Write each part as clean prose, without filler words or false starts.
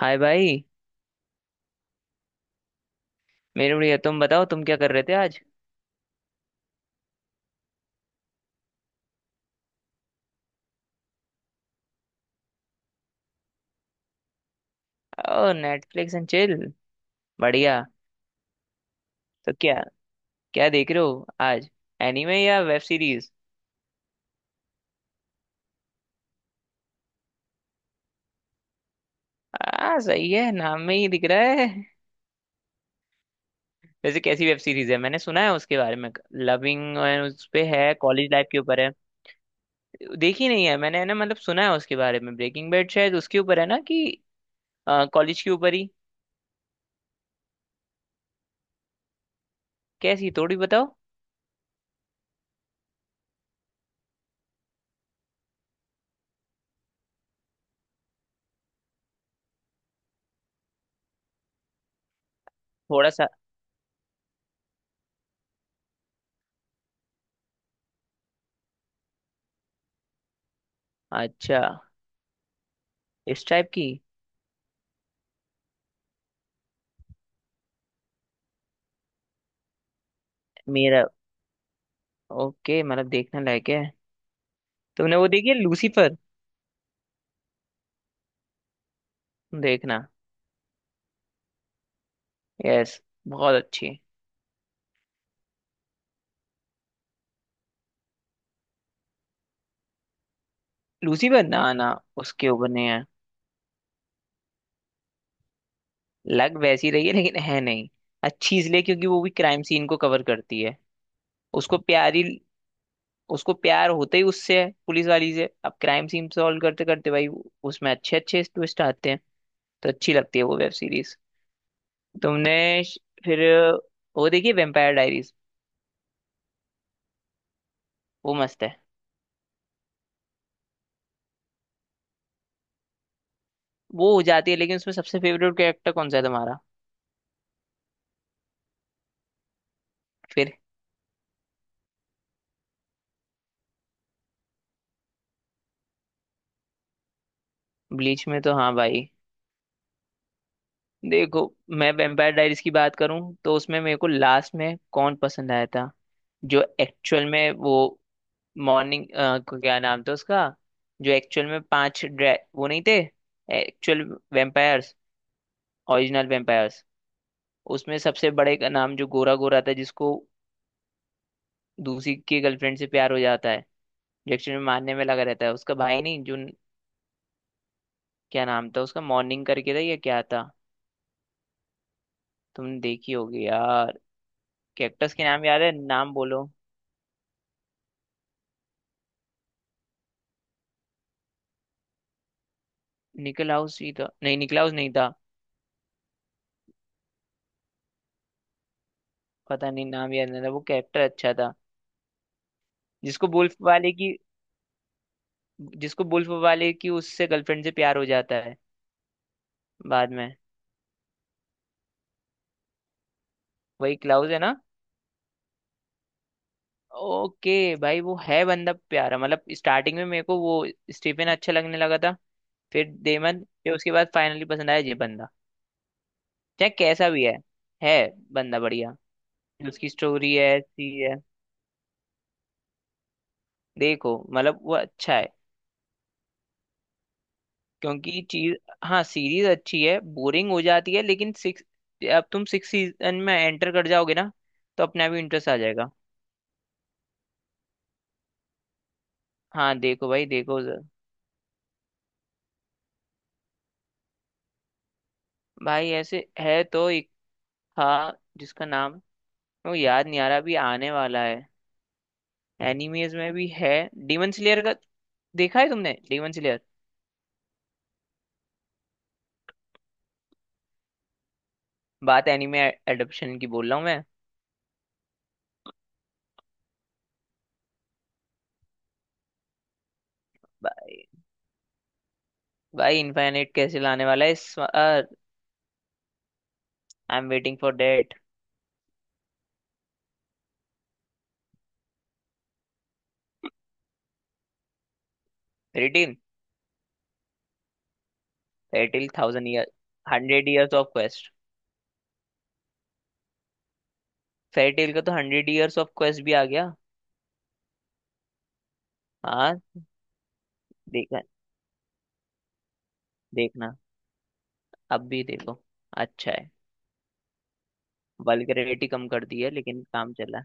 हाय भाई। मेरे बढ़िया। तुम बताओ, तुम क्या कर रहे थे आज? ओ, नेटफ्लिक्स एंड चिल। बढ़िया। तो क्या क्या देख रहे हो आज, एनीमे या वेब सीरीज? आ, सही है, नाम में ही दिख रहा है। वैसे कैसी वेब सीरीज है? मैंने सुना है उसके बारे में। लविंग, उस पे है, कॉलेज लाइफ के ऊपर है? देखी नहीं है मैंने, है ना, मतलब सुना है उसके बारे में। ब्रेकिंग बैड शायद उसके ऊपर है ना कि कॉलेज के ऊपर ही? कैसी, थोड़ी बताओ। थोड़ा सा। अच्छा, इस टाइप की। मेरा, ओके, मतलब देखने लायक है। तुमने वो देखी है, लूसीफर? देखना। यस, बहुत अच्छी। लूसीफर, ना ना, उसके ऊपर नहीं है। लग वैसी रही है लेकिन है नहीं। अच्छी इसलिए क्योंकि वो भी क्राइम सीन को कवर करती है। उसको प्यारी, उसको प्यार होते ही उससे है, पुलिस वाली से। अब क्राइम सीन सॉल्व करते करते भाई, उसमें अच्छे अच्छे ट्विस्ट आते हैं, तो अच्छी लगती है वो वेब सीरीज। तुमने श- फिर वो देखिए, वेम्पायर डायरीज। वो मस्त है। वो हो जाती है, लेकिन उसमें सबसे फेवरेट कैरेक्टर कौन सा है तुम्हारा? फिर? ब्लीच में, तो हाँ भाई। देखो, मैं वेम्पायर डायरीज की बात करूं तो उसमें मेरे को लास्ट में कौन पसंद आया था, जो एक्चुअल में वो मॉर्निंग, क्या नाम था उसका, जो एक्चुअल में पांच वो नहीं थे, एक्चुअल वेम्पायर्स। ओरिजिनल वेम्पायर्स, उसमें सबसे बड़े का नाम, जो गोरा गोरा था, जिसको दूसरी की गर्लफ्रेंड से प्यार हो जाता है, जो एक्चुअल में मारने में लगा रहता है, उसका भाई नहीं, जो, क्या नाम था उसका, मॉर्निंग करके था या क्या था? तुमने देखी होगी यार। कैक्टस के नाम याद है, नाम बोलो। निकलाउस ही था। नहीं, निकलाउस नहीं था। पता नहीं, नाम याद नहीं था, वो कैरेक्टर अच्छा था। जिसको बुल्फ वाले की, जिसको बुल्फ वाले की उससे गर्लफ्रेंड से प्यार हो जाता है बाद में। वही क्लाउस है ना? ओके भाई, वो है बंदा प्यारा। मतलब स्टार्टिंग में मेरे को वो स्टीफन अच्छा लगने लगा था, फिर डेमन, फिर उसके बाद फाइनली पसंद आया ये बंदा। चाहे कैसा भी है बंदा बढ़िया। उसकी स्टोरी है ऐसी है। देखो, मतलब वो अच्छा है क्योंकि चीज, हाँ, सीरीज अच्छी है, बोरिंग हो जाती है लेकिन सिक्स, अब तुम सिक्स सीजन में एंटर कर जाओगे ना, तो अपने आप ही इंटरेस्ट आ जाएगा। हाँ देखो भाई, देखो जरा। भाई ऐसे है तो एक था, जिसका नाम वो याद नहीं आ रहा, अभी आने वाला है, एनिमेज में भी है, डीमन स्लेयर का। देखा है तुमने Demon Slayer? बात एनिमे एडप्शन की बोल रहा हूँ मैं। बा- भाई इनफाइनाइट कैसे लाने वाला है इस बार? I am waiting for date. रिटिल, रिटिल thousand year hundred years of quest. Fairy Tail का तो हंड्रेड इयर्स ऑफ क्वेस्ट भी आ गया। हाँ। देखा, देखना, अब भी देखो, अच्छा है। वल्गैरिटी कम कर दी है लेकिन काम चला।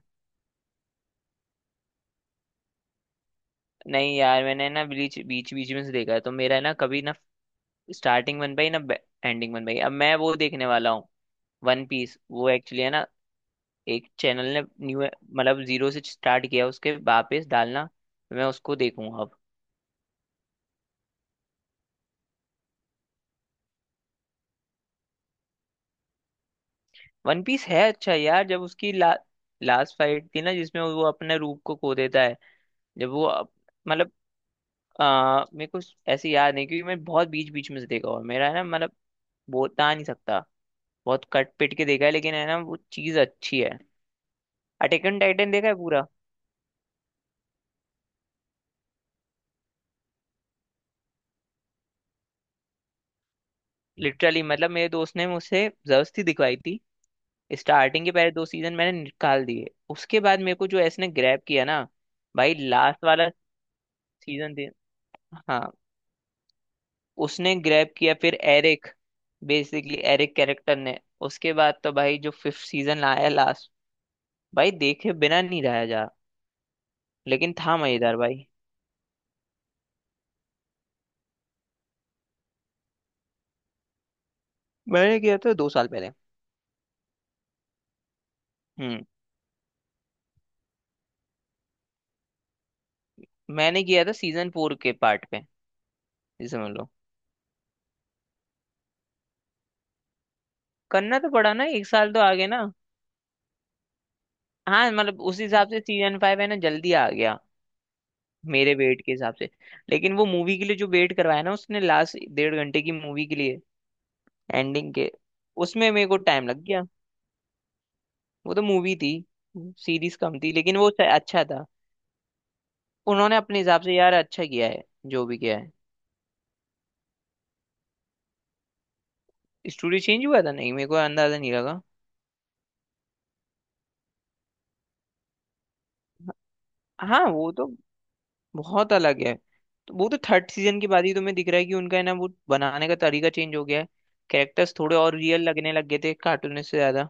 नहीं यार, मैंने ना बीच बीच बीच में से देखा है तो मेरा ना कभी ना स्टार्टिंग बन पाई, ना एंडिंग बन पाई। अब मैं वो देखने वाला हूँ। वन पीस, वो एक्चुअली है ना, एक चैनल ने न्यू मतलब जीरो से स्टार्ट किया उसके वापस डालना। मैं उसको देखूंगा अब। वन पीस है अच्छा यार। जब उसकी लास्ट फाइट थी ना, जिसमें वो अपने रूप को खो देता है, जब वो मतलब, मेरे को ऐसे याद नहीं क्योंकि मैं बहुत बीच बीच में से देखा। और मेरा है ना, मतलब, बोलता नहीं सकता, बहुत कट पिट के देखा है। लेकिन है ना, वो चीज अच्छी है। अटैक ऑन टाइटन देखा है पूरा? लिटरली मतलब मेरे दोस्त ने मुझसे जबरदस्ती दिखवाई थी। स्टार्टिंग के पहले 2 सीजन मैंने निकाल दिए, उसके बाद मेरे को जो इसने ग्रैब किया ना। भाई लास्ट वाला सीजन दे, हाँ, उसने ग्रैब किया। फिर एरिक, बेसिकली एरिक कैरेक्टर ने। उसके बाद तो भाई जो फिफ्थ सीजन आया लास्ट, भाई देखे बिना नहीं रहा जा। लेकिन था मजेदार भाई। मैंने किया था 2 साल पहले। हम्म, मैंने किया था सीजन फोर के पार्ट पे, ये समझ लो। करना तो पड़ा ना 1 साल तो आगे ना। हाँ मतलब उस हिसाब से सीजन फाइव है ना जल्दी आ गया, मेरे वेट के हिसाब से। लेकिन वो मूवी के लिए जो वेट करवाया ना उसने, लास्ट 1.5 घंटे की मूवी के लिए, एंडिंग के, उसमें मेरे को टाइम लग गया। वो तो मूवी थी, सीरीज कम थी, लेकिन वो अच्छा था। उन्होंने अपने हिसाब से यार अच्छा किया है, जो भी किया है। स्टोरी चेंज हुआ था नहीं, मेरे को अंदाजा नहीं लगा। हाँ वो तो बहुत अलग है। तो वो तो थर्ड सीजन के बाद ही तुम्हें दिख रहा है कि उनका है ना वो बनाने का तरीका चेंज हो गया है। कैरेक्टर्स थोड़े और रियल लगने लग गए थे, कार्टूनिस्ट से ज्यादा।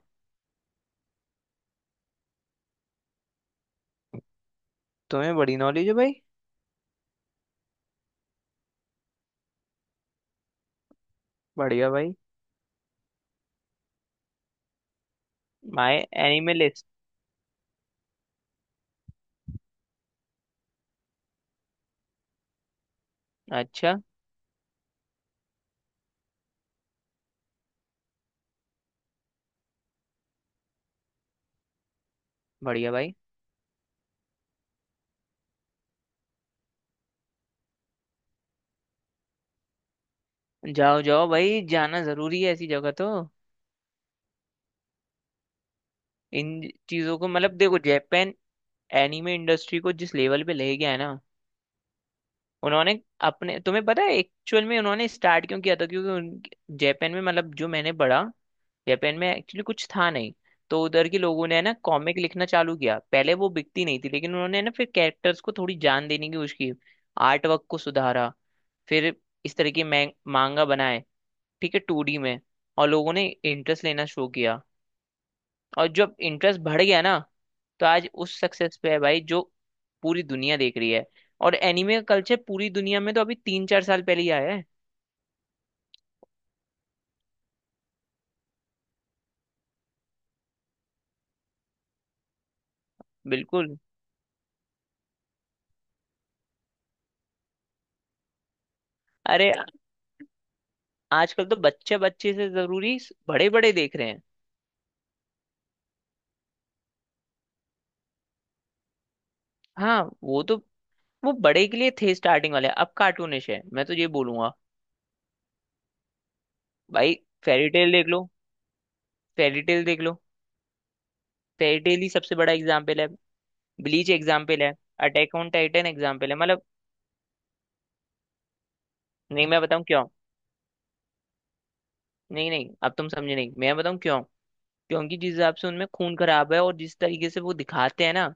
तुम्हें बड़ी नॉलेज है भाई। बढ़िया भाई। My Anime List. अच्छा। बढ़िया भाई, जाओ जाओ भाई, जाना जरूरी है ऐसी जगह तो। इन चीजों को, मतलब, देखो, जापान एनिमे इंडस्ट्री को जिस लेवल पे ले गया है ना, उन्होंने, अपने, तुम्हें पता है एक्चुअल में उन्होंने स्टार्ट क्यों किया था? क्योंकि उन, जापान में, मतलब जो मैंने पढ़ा, जापान में एक्चुअली कुछ था नहीं। तो उधर के लोगों ने है ना कॉमिक लिखना चालू किया, पहले वो बिकती नहीं थी, लेकिन उन्होंने ना फिर कैरेक्टर्स को थोड़ी जान देने की कोशिश की, आर्ट वर्क को सुधारा। फिर इस तरह के मैं मांगा बनाए, ठीक है, 2D में। और लोगों ने इंटरेस्ट लेना शुरू किया, और जब इंटरेस्ट बढ़ गया ना, तो आज उस सक्सेस पे है भाई, जो पूरी दुनिया देख रही है। और एनिमे का कल्चर पूरी दुनिया में तो अभी 3-4 साल पहले ही आया है। बिल्कुल। अरे, आजकल तो बच्चे बच्चे से जरूरी बड़े बड़े देख रहे हैं। हाँ वो तो, वो बड़े के लिए थे स्टार्टिंग वाले, अब कार्टूनिश है, मैं तो ये बोलूंगा। भाई, फेरी टेल देख लो, फेरी टेल देख लो, फेरी टेल ही सबसे बड़ा एग्जाम्पल है। ब्लीच एग्जाम्पल है, अटैक ऑन टाइटन एग्जाम्पल है, मतलब। नहीं, मैं बताऊँ क्यों। नहीं नहीं, अब तुम समझे नहीं, मैं बताऊँ क्यों। क्योंकि जिस हिसाब से उनमें खून खराब है, और जिस तरीके से वो दिखाते हैं ना,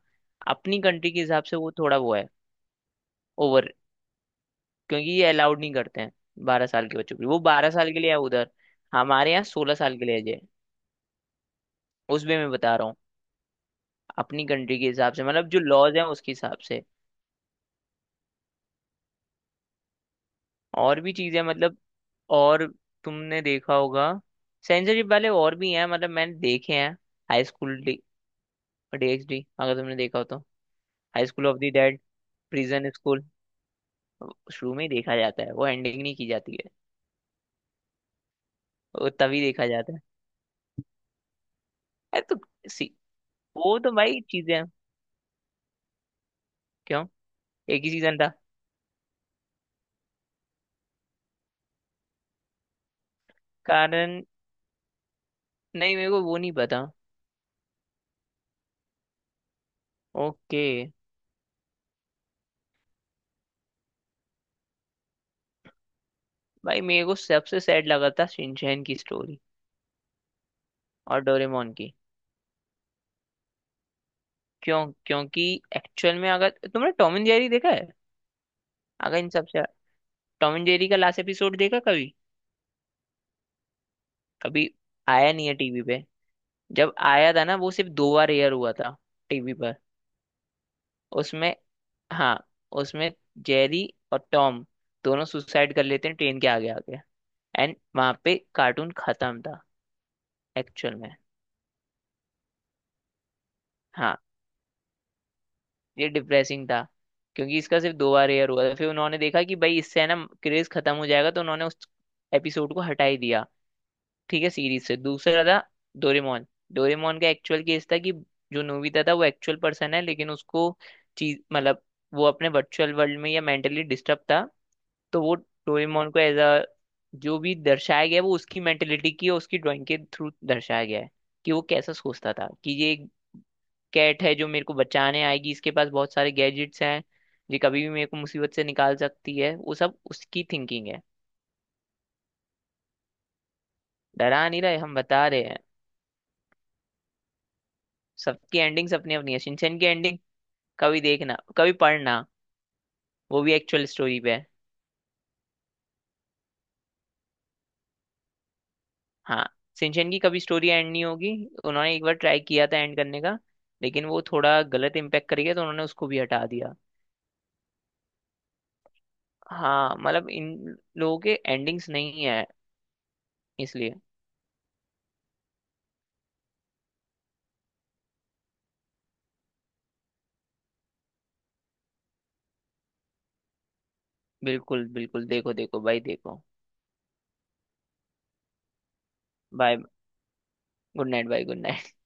अपनी कंट्री के हिसाब से वो थोड़ा वो है, ओवर। क्योंकि ये अलाउड नहीं करते हैं 12 साल के बच्चों के लिए। वो 12 साल के लिए है उधर, हमारे यहाँ 16 साल के लिए है ये। उस वे में बता रहा हूँ, अपनी कंट्री के हिसाब से, मतलब जो लॉज हैं उसके हिसाब से। और भी चीजें, मतलब और, तुमने देखा होगा, सेंसरशिप वाले और भी हैं, मतलब मैंने देखे हैं। हाई स्कूल DxD, अगर तुमने देखा हो तो। High School of the Dead, Prison School, शुरू में ही देखा जाता है, वो एंडिंग नहीं की जाती है, वो तभी देखा जाता है। अरे तो, सी वो तो भाई चीजें हैं। क्यों? एक ही सीजन था। कारण, नहीं, मेरे को वो नहीं पता। ओके। भाई मेरे को सबसे सैड लगा था शिनचैन की स्टोरी और डोरेमोन की। क्यों? क्योंकि एक्चुअल में, अगर तुमने टॉम एंड जेरी देखा है, अगर इन सबसे, टॉम एंड जेरी का लास्ट एपिसोड देखा कभी? कभी। आया नहीं है टीवी पे। जब आया था ना, वो सिर्फ 2 बार एयर हुआ था टीवी पर। उसमें, हाँ, उसमें जेरी और टॉम दोनों सुसाइड कर लेते हैं ट्रेन के आगे आगे, एंड वहां पे कार्टून खत्म था एक्चुअल में। हाँ, ये डिप्रेसिंग था। क्योंकि इसका सिर्फ 2 बार एयर हुआ था, फिर उन्होंने देखा कि भाई इससे है ना क्रेज खत्म हो जाएगा, तो उन्होंने उस एपिसोड को हटा ही दिया, ठीक है, सीरीज से। दूसरा था डोरेमोन। डोरेमोन का एक्चुअल केस था कि जो नोबिता था वो एक्चुअल पर्सन है, लेकिन उसको, चीज, मतलब वो अपने वर्चुअल वर्ल्ड में, या मेंटली डिस्टर्ब था। तो वो डोरेमोन को एज अ, जो भी दर्शाया गया है, वो उसकी मेंटेलिटी की और उसकी ड्राइंग के थ्रू दर्शाया गया है, कि वो कैसा सोचता था, कि ये कैट है जो मेरे को बचाने आएगी, इसके पास बहुत सारे गैजेट्स हैं, ये कभी भी मेरे को मुसीबत से निकाल सकती है। वो सब उसकी थिंकिंग है। डरा नहीं रहे, हम बता रहे हैं। सबकी एंडिंग्स अपनी अपनी है। शिनचैन की एंडिंग कभी देखना, कभी पढ़ना, वो भी एक्चुअल स्टोरी पे है। हाँ, शिनचैन की कभी स्टोरी एंड नहीं होगी, उन्होंने एक बार ट्राई किया था एंड करने का, लेकिन वो थोड़ा गलत इम्पैक्ट कर गया, तो उन्होंने उसको भी हटा दिया। हाँ मतलब इन लोगों के एंडिंग्स नहीं है, इसलिए। बिल्कुल बिल्कुल, देखो देखो भाई देखो। बाय। गुड नाइट भाई, गुड नाइट।